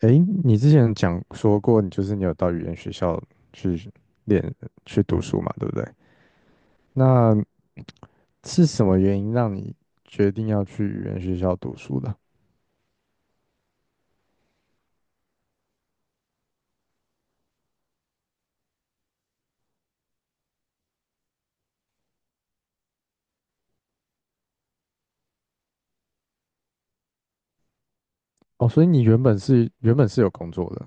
诶，你之前讲说过，你就是你有到语言学校去练去读书嘛，对不对？那是什么原因让你决定要去语言学校读书的？哦，所以你原本是有工作的，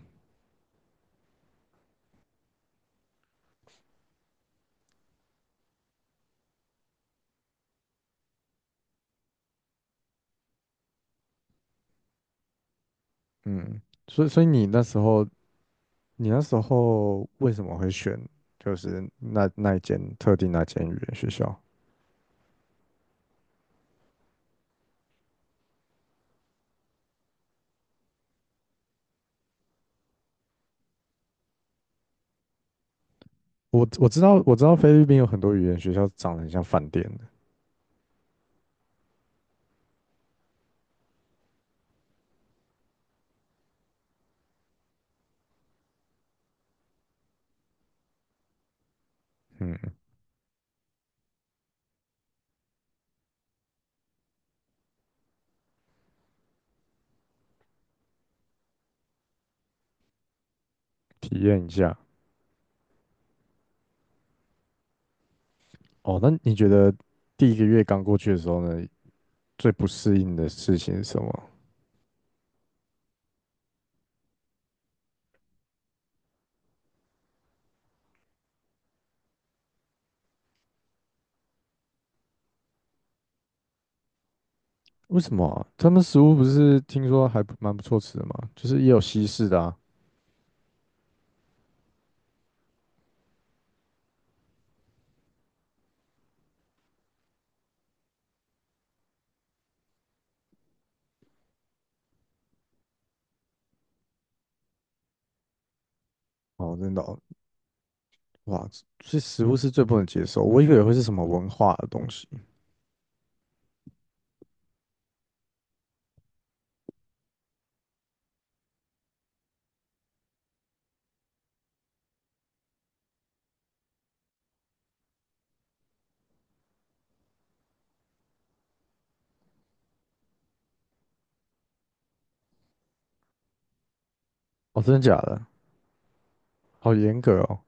嗯，所以你那时候为什么会选就是那一间特定那间语言学校？我知道菲律宾有很多语言学校长得很像饭店的，嗯，体验一下。哦，那你觉得第一个月刚过去的时候呢，最不适应的事情是什么？为什么啊他们食物不是听说还不蛮不错吃的吗？就是也有西式的啊。哦，真的哦哇，所以食物是最不能接受，我以为会是什么文化的东西。哦，真的假的？好严格哦。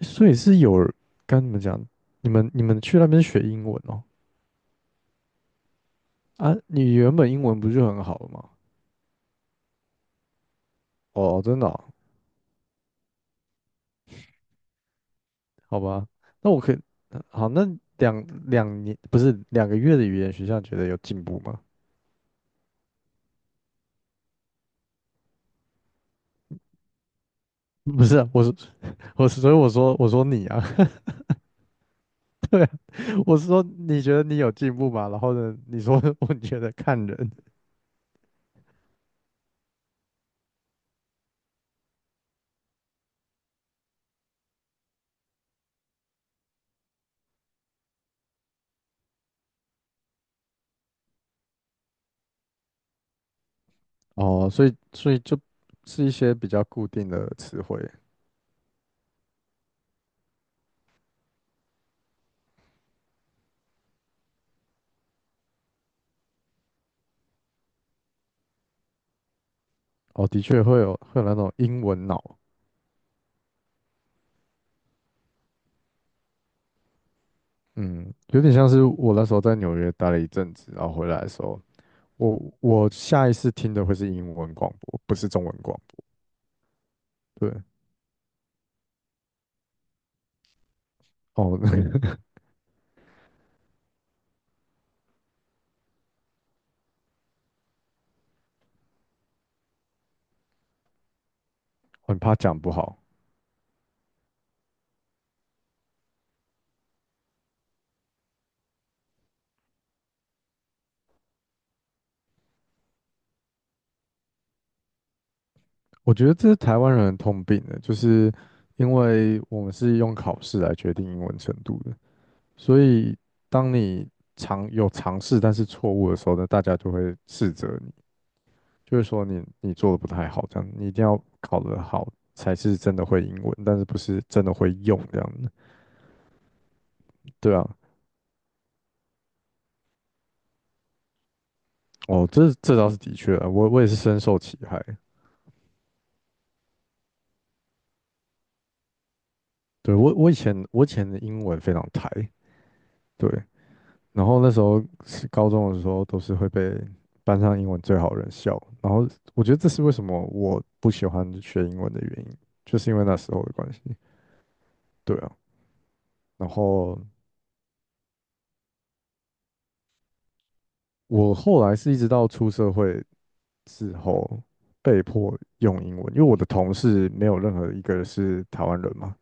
所以是有人跟你们讲，你们去那边学英文哦？啊，你原本英文不是很好了吗？哦，真的哦好吧，那我可以，好，那两年不是两个月的语言学校，觉得有进步吗？不是啊我是 我是，所以我说你啊，对啊，我是说你觉得你有进步吗？然后呢，你说 我觉得看人哦，所以就是一些比较固定的词汇哦，的确会有那种英文脑，嗯，有点像是我那时候在纽约待了一阵子，然后回来的时候，我下一次听的会是英文广播，不是中文广播，对。哦，很怕讲不好。我觉得这是台湾人的通病的，就是因为我们是用考试来决定英文程度的，所以当你尝试但是错误的时候呢，大家就会斥责你，就是说你做的不太好，这样你一定要考得好才是真的会英文，但是不是真的会用这样的。对啊，哦，这倒是的确啊，我也是深受其害。对，我以前的英文非常台，对。然后那时候是高中的时候，都是会被班上英文最好的人笑。然后我觉得这是为什么我不喜欢学英文的原因，就是因为那时候的关系。对啊，然后我后来是一直到出社会之后被迫用英文，因为我的同事没有任何一个是台湾人嘛，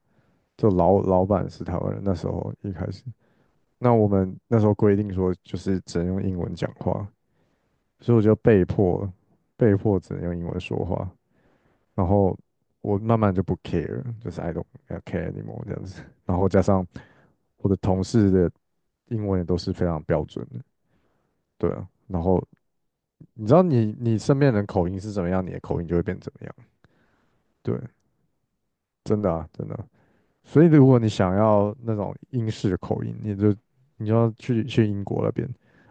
就老板是台湾人。那时候一开始，那我们那时候规定说就是只能用英文讲话，所以我就被迫只能用英文说话。然后我慢慢就不 care，就是 I don't care anymore 这样子。然后加上我的同事的英文也都是非常标准的，对啊。然后你知道你身边人口音是怎么样，你的口音就会变怎么样，对，真的啊，真的啊所以如果你想要那种英式的口音，你就要去英国那边，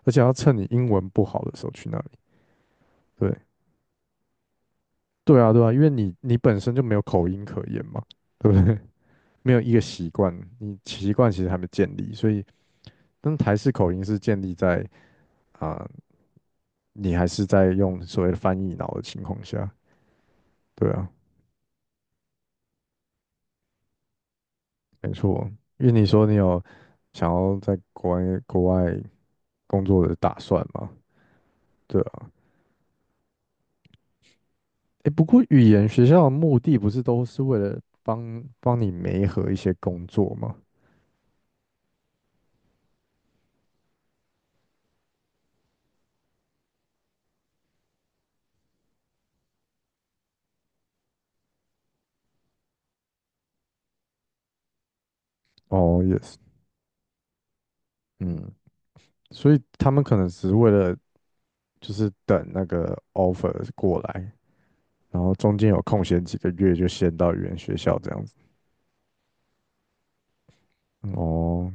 而且要趁你英文不好的时候去那里。对，对啊，对啊，因为你本身就没有口音可言嘛，对不对？没有一个习惯，你习惯其实还没建立，所以但台式口音是建立在啊、呃你还是在用所谓的翻译脑的情况下，对啊，没错。因为你说你有想要在国外工作的打算嘛，对啊。诶，不过语言学校的目的不是都是为了帮帮你媒合一些工作吗？哦，yes，嗯，所以他们可能只是为了就是等那个 offer 过来，然后中间有空闲几个月就先到语言学校这样子。哦，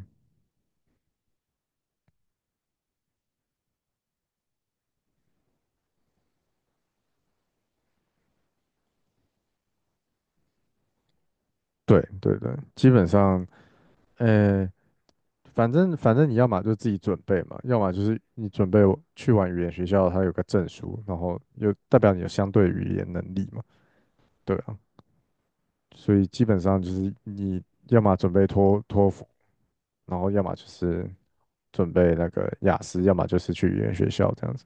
对对对，基本上，呃，反正你要么就自己准备嘛，要么就是你准备去完语言学校，它有个证书，然后又代表你有相对语言能力嘛，对啊，所以基本上就是你要么准备托福，然后要么就是准备那个雅思，要么就是去语言学校这样子。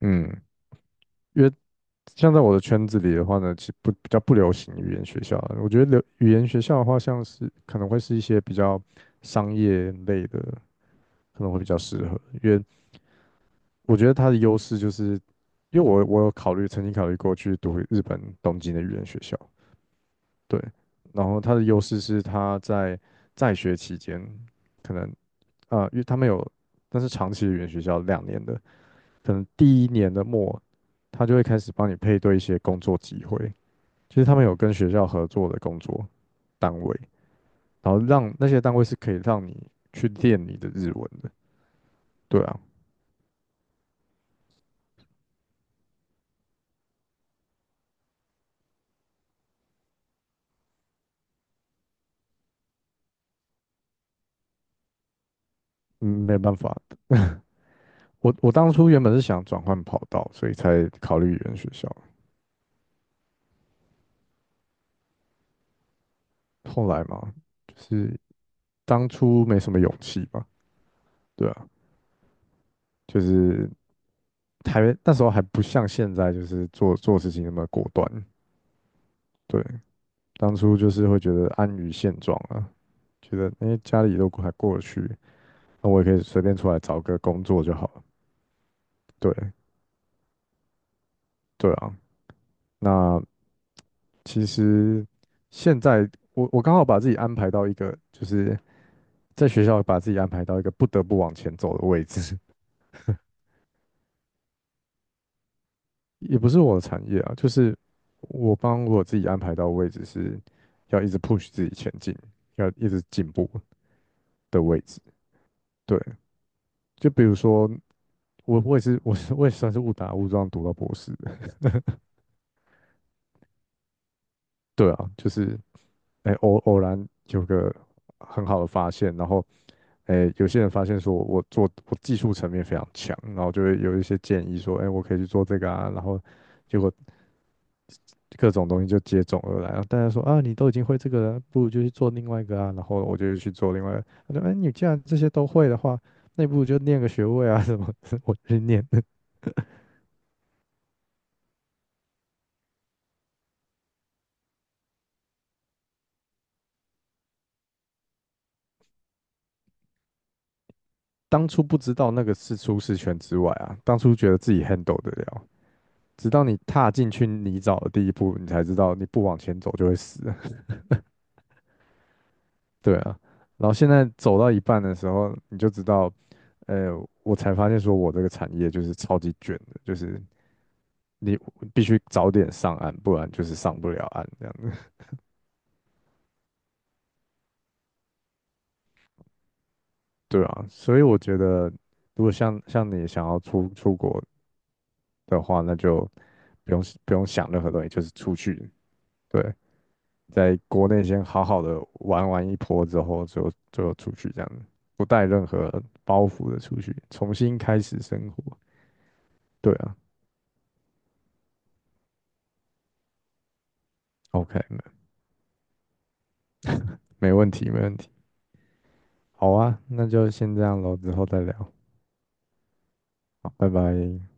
嗯，因为像在我的圈子里的话呢，其实不比较不流行语言学校啊我觉得流语言学校的话，像是可能会是一些比较商业类的。可能会比较适合，因为我觉得它的优势就是，因为我有考虑，曾经考虑过去读日本东京的语言学校，对，然后它的优势是它在在学期间，可能啊，因为他们有，但是长期的语言学校两年的，可能第一年的末，他就会开始帮你配对一些工作机会，就是他们有跟学校合作的工作单位，然后让那些单位是可以让你去练你的日文的，对啊，嗯，没办法，我当初原本是想转换跑道，所以才考虑语言学校。后来嘛，就是当初没什么勇气吧，对啊，就是还那时候还不像现在，就是做事情那么果断。对，当初就是会觉得安于现状啊，觉得诶家里都还过得去，那我也可以随便出来找个工作就好了。对对啊，那其实现在我刚好把自己安排到一个就是在学校把自己安排到一个不得不往前走的位置，也不是我的产业啊，就是我帮我自己安排到的位置是要一直 push 自己前进，要一直进步的位置。对，就比如说我，我也是，我是我也算是误打误撞读到博士的对啊，就是哎、偶然有个很好的发现，然后哎、有些人发现说我技术层面非常强，然后就会有一些建议说，哎、我可以去做这个啊，然后结果各种东西就接踵而来啊。大家说啊，你都已经会这个了，不如就去做另外一个啊。然后我就去做另外一个，他说，哎，你既然这些都会的话，那不如就念个学位啊什么的我去念，当初不知道那个是出适圈之外啊，当初觉得自己 handle 得了，直到你踏进去泥沼的第一步，你才知道你不往前走就会死。对啊，然后现在走到一半的时候，你就知道，呃，我才发现说我这个产业就是超级卷的，就是你必须早点上岸，不然就是上不了岸这样子。对啊，所以我觉得，如果像你想要出国的话，那就不用想任何东西，就是出去。对，在国内先好好的玩完一波之后，就出去这样子，不带任何包袱的出去，重新开始生活。对啊，OK，没问题，没问题。好啊，那就先这样喽，之后再聊。好，拜拜。